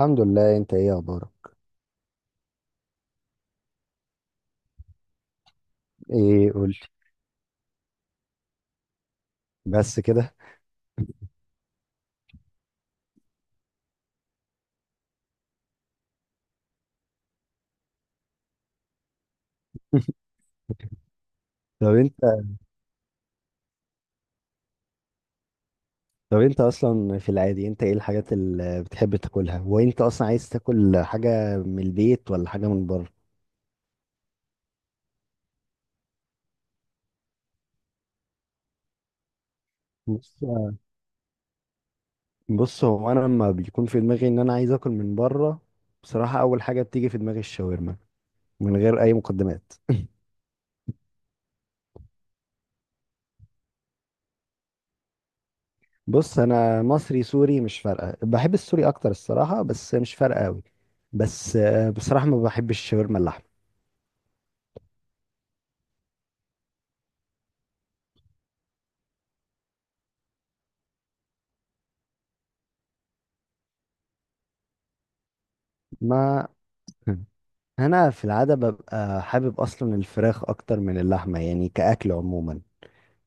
الحمد لله، انت ايه اخبارك؟ ايه، قول. بس كده؟ طب انت طب انت اصلا في العادي، انت ايه الحاجات اللي بتحب تاكلها؟ وانت اصلا عايز تاكل حاجه من البيت ولا حاجه من بره؟ بص بص هو انا لما بيكون في دماغي ان انا عايز اكل من بره، بصراحه اول حاجه بتيجي في دماغي الشاورما، من غير اي مقدمات. بص، انا مصري سوري مش فارقه، بحب السوري اكتر الصراحه، بس مش فارقه قوي. بس بصراحه ما بحبش الشاورما اللحمه. ما انا في العاده ببقى حابب اصلا الفراخ اكتر من اللحمه، يعني كاكل عموما.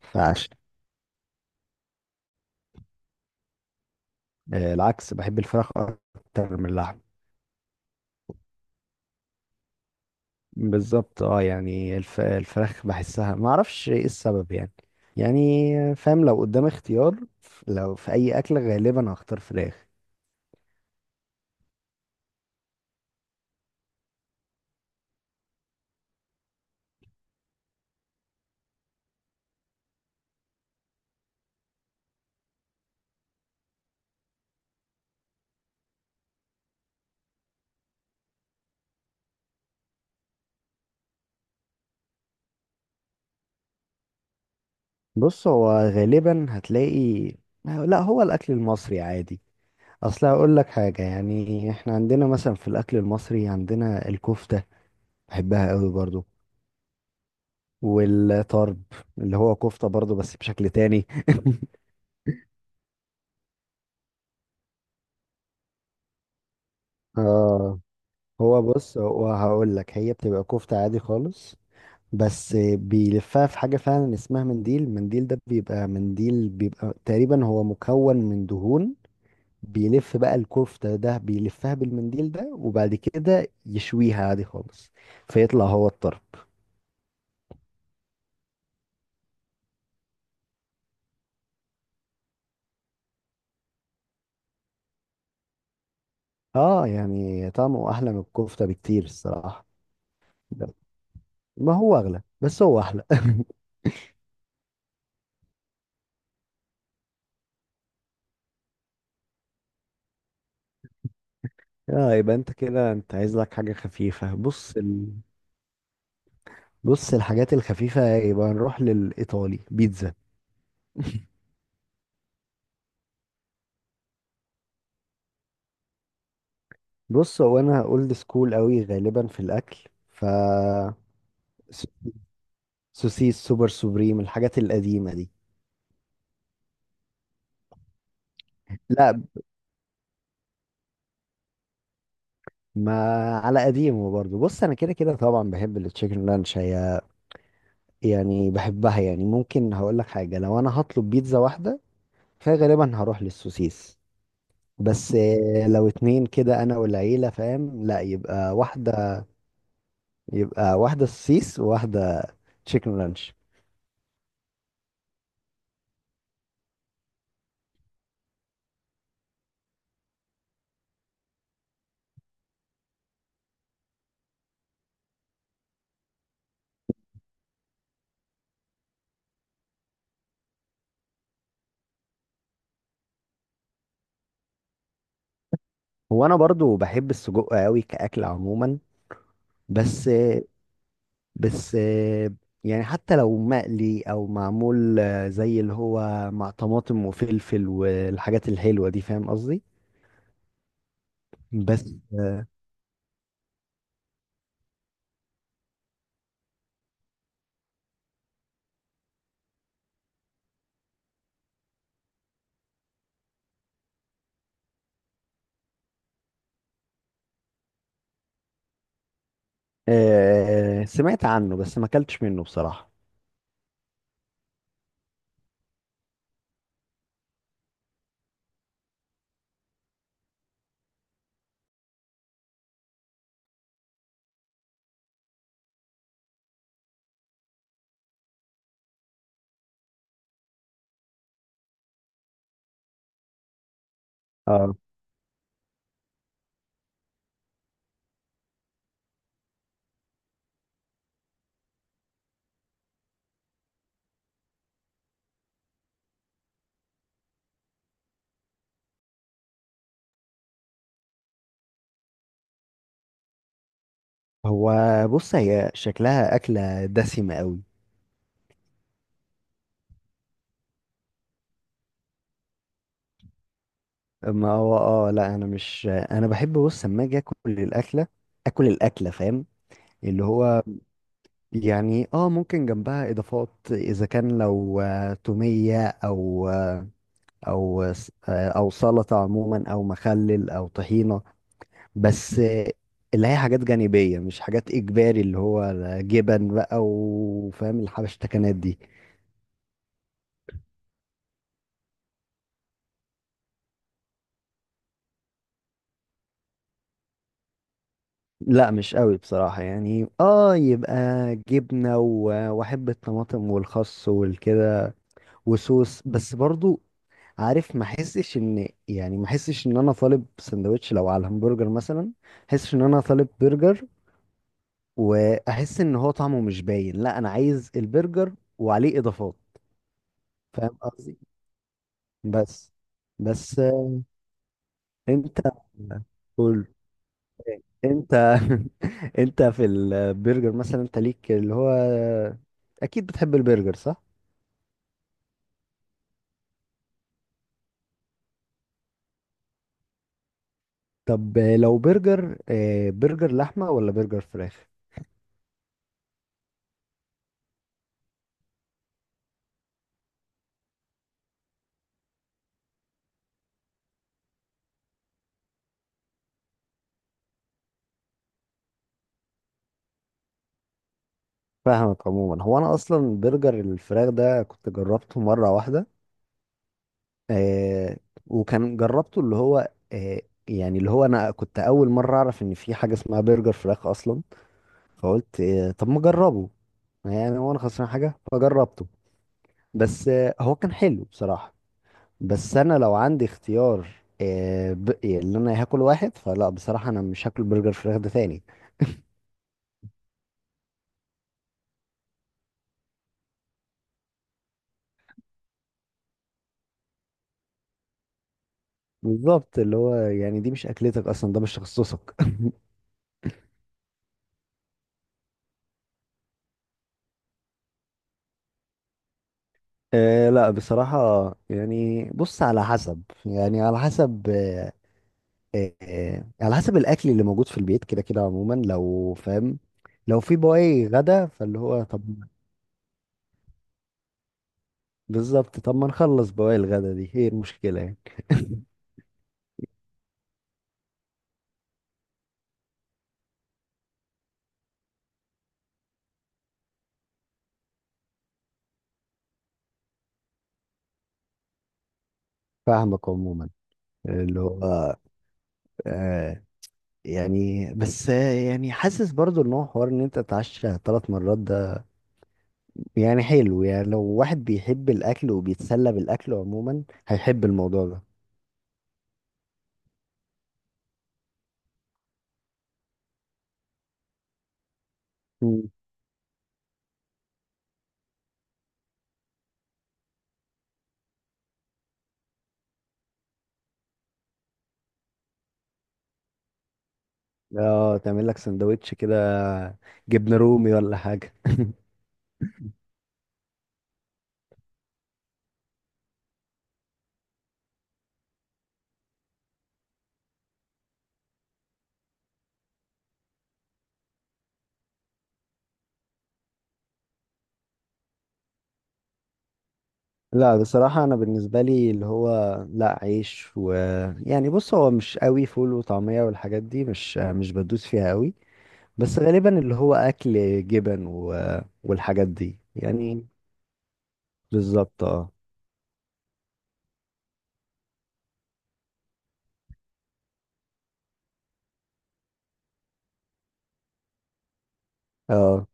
فعش آه، العكس، بحب الفراخ اكتر من اللحمه. بالظبط اه، يعني الفراخ بحسها ما اعرفش ايه السبب يعني. يعني فاهم، لو قدام اختيار، لو في اي اكل غالبا هختار فراخ. بص هو غالبا هتلاقي، لا، هو الاكل المصري عادي. اصل هقول لك حاجه، يعني احنا عندنا مثلا في الاكل المصري عندنا الكفته، بحبها قوي برضو. والطرب، اللي هو كفتة برضو بس بشكل تاني. اه. هو بص، هو هقول لك، هي بتبقى كفتة عادي خالص، بس بيلفها في حاجة فعلا اسمها منديل. المنديل ده بيبقى منديل، بيبقى تقريبا هو مكون من دهون. بيلف بقى الكفتة، ده بيلفها بالمنديل ده وبعد كده يشويها عادي خالص، فيطلع هو الطرب. اه، يعني طعمه احلى من الكفتة بكتير الصراحة. ده- ما هو اغلى بس هو احلى. اه، يبقى انت كده انت عايز لك حاجة خفيفة. بص الحاجات الخفيفة، يبقى نروح للإيطالي، بيتزا. بص هو انا اولد سكول قوي غالبا في الاكل، ف س- سوسيس سوبر سوبريم، الحاجات القديمة دي. لا، ما على قديمه برضه، بص انا كده كده طبعا بحب التشيكن لانش. هي يعني بحبها، يعني ممكن هقول لك حاجة، لو انا هطلب بيتزا واحدة فغالبا هروح للسوسيس. بس لو اتنين كده انا والعيلة فاهم، لا يبقى واحدة، يبقى واحدة سوسيس وواحدة تشيكن رانش. هو انا برضو بحب السجق قوي كأكل عموما، بس بس يعني حتى لو مقلي او معمول، زي اللي هو مع طماطم وفلفل والحاجات الحلوة دي، فاهم قصدي. بس سمعت عنه بس ما اكلتش منه بصراحة. اه. هو بص، هي شكلها أكلة دسمة قوي. ما هو اه، لا انا مش، انا بحب، بص لما اجي اكل الاكله اكل الاكله، فاهم اللي هو، يعني اه ممكن جنبها اضافات اذا كان، لو توميه، او او سلطه عموما، او مخلل او طحينه. بس اللي هي حاجات جانبيه مش حاجات اجباري، اللي هو جبن بقى، وفاهم الحبشتكنات دي. لا مش قوي بصراحه، يعني اه، يبقى جبنه واحب الطماطم والخس والكده وصوص بس برضو. عارف، ما احسش ان، يعني ما احسش ان انا طالب سندوتش، لو على الهمبرجر مثلا احس ان انا طالب برجر، واحس ان هو طعمه مش باين. لا، انا عايز البرجر وعليه اضافات، فاهم قصدي. بس بس انت قول. انت. انت في البرجر مثلا، انت ليك اللي هو، اكيد بتحب البرجر صح؟ طب لو برجر، برجر لحمة ولا برجر فراخ؟ فاهمك عموما. هو انا اصلا برجر الفراخ ده كنت جربته مره واحده آه، وكان جربته اللي هو آه، يعني اللي هو انا كنت اول مره اعرف ان في حاجه اسمها برجر فراخ اصلا، فقلت آه طب ما اجربه، يعني هو انا خسران حاجه؟ فجربته. بس آه هو كان حلو بصراحه، بس انا لو عندي اختيار، يعني اللي انا هاكل واحد، فلا بصراحه انا مش هاكل برجر فراخ ده تاني. بالظبط، اللي هو يعني دي مش اكلتك اصلا، ده مش تخصصك. آه لا بصراحة، يعني بص على حسب، يعني على حسب على حسب الأكل اللي موجود في البيت كده كده عموما لو فاهم. لو في بواقي غدا فاللي هو طب، بالظبط. طب ما نخلص بواقي الغدا دي هي المشكلة يعني. فاهمك عموما، اللي هو آه، يعني بس آه يعني حاسس برضو ان هو حوار ان انت تتعشى 3 مرات ده يعني حلو، يعني لو واحد بيحب الأكل وبيتسلى بالأكل عموما هيحب الموضوع ده. اه، تعمل لك سندوتش كده جبنة رومي ولا حاجة. لا بصراحة، أنا بالنسبة لي اللي هو، لا عيش و، يعني بص هو مش قوي فول وطعمية والحاجات دي، مش بدوس فيها قوي. بس غالبا اللي هو أكل جبن و... والحاجات دي يعني. بالظبط اه. اه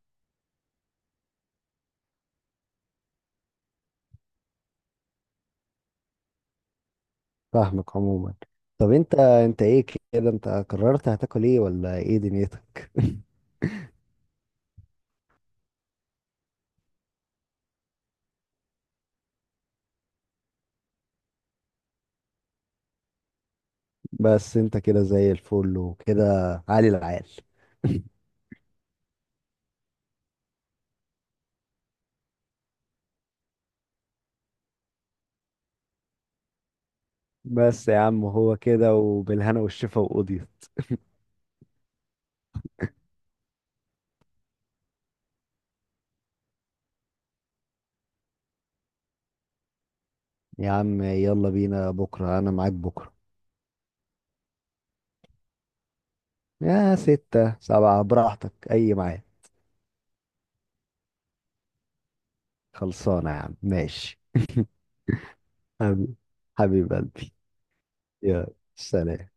فاهمك عموما. طب انت، انت ايه كده؟ انت قررت هتاكل ايه ولا ايه دنيتك؟ بس انت كده زي الفل وكده، عالي العال. بس يا عم هو كده، وبالهنا والشفا وقضيت. يا عم يلا بينا بكرة، أنا معاك بكرة. يا 6 7 براحتك، أي معاك. خلصانة يا عم ماشي. حبيب، حبيب قلبي. يا سلام.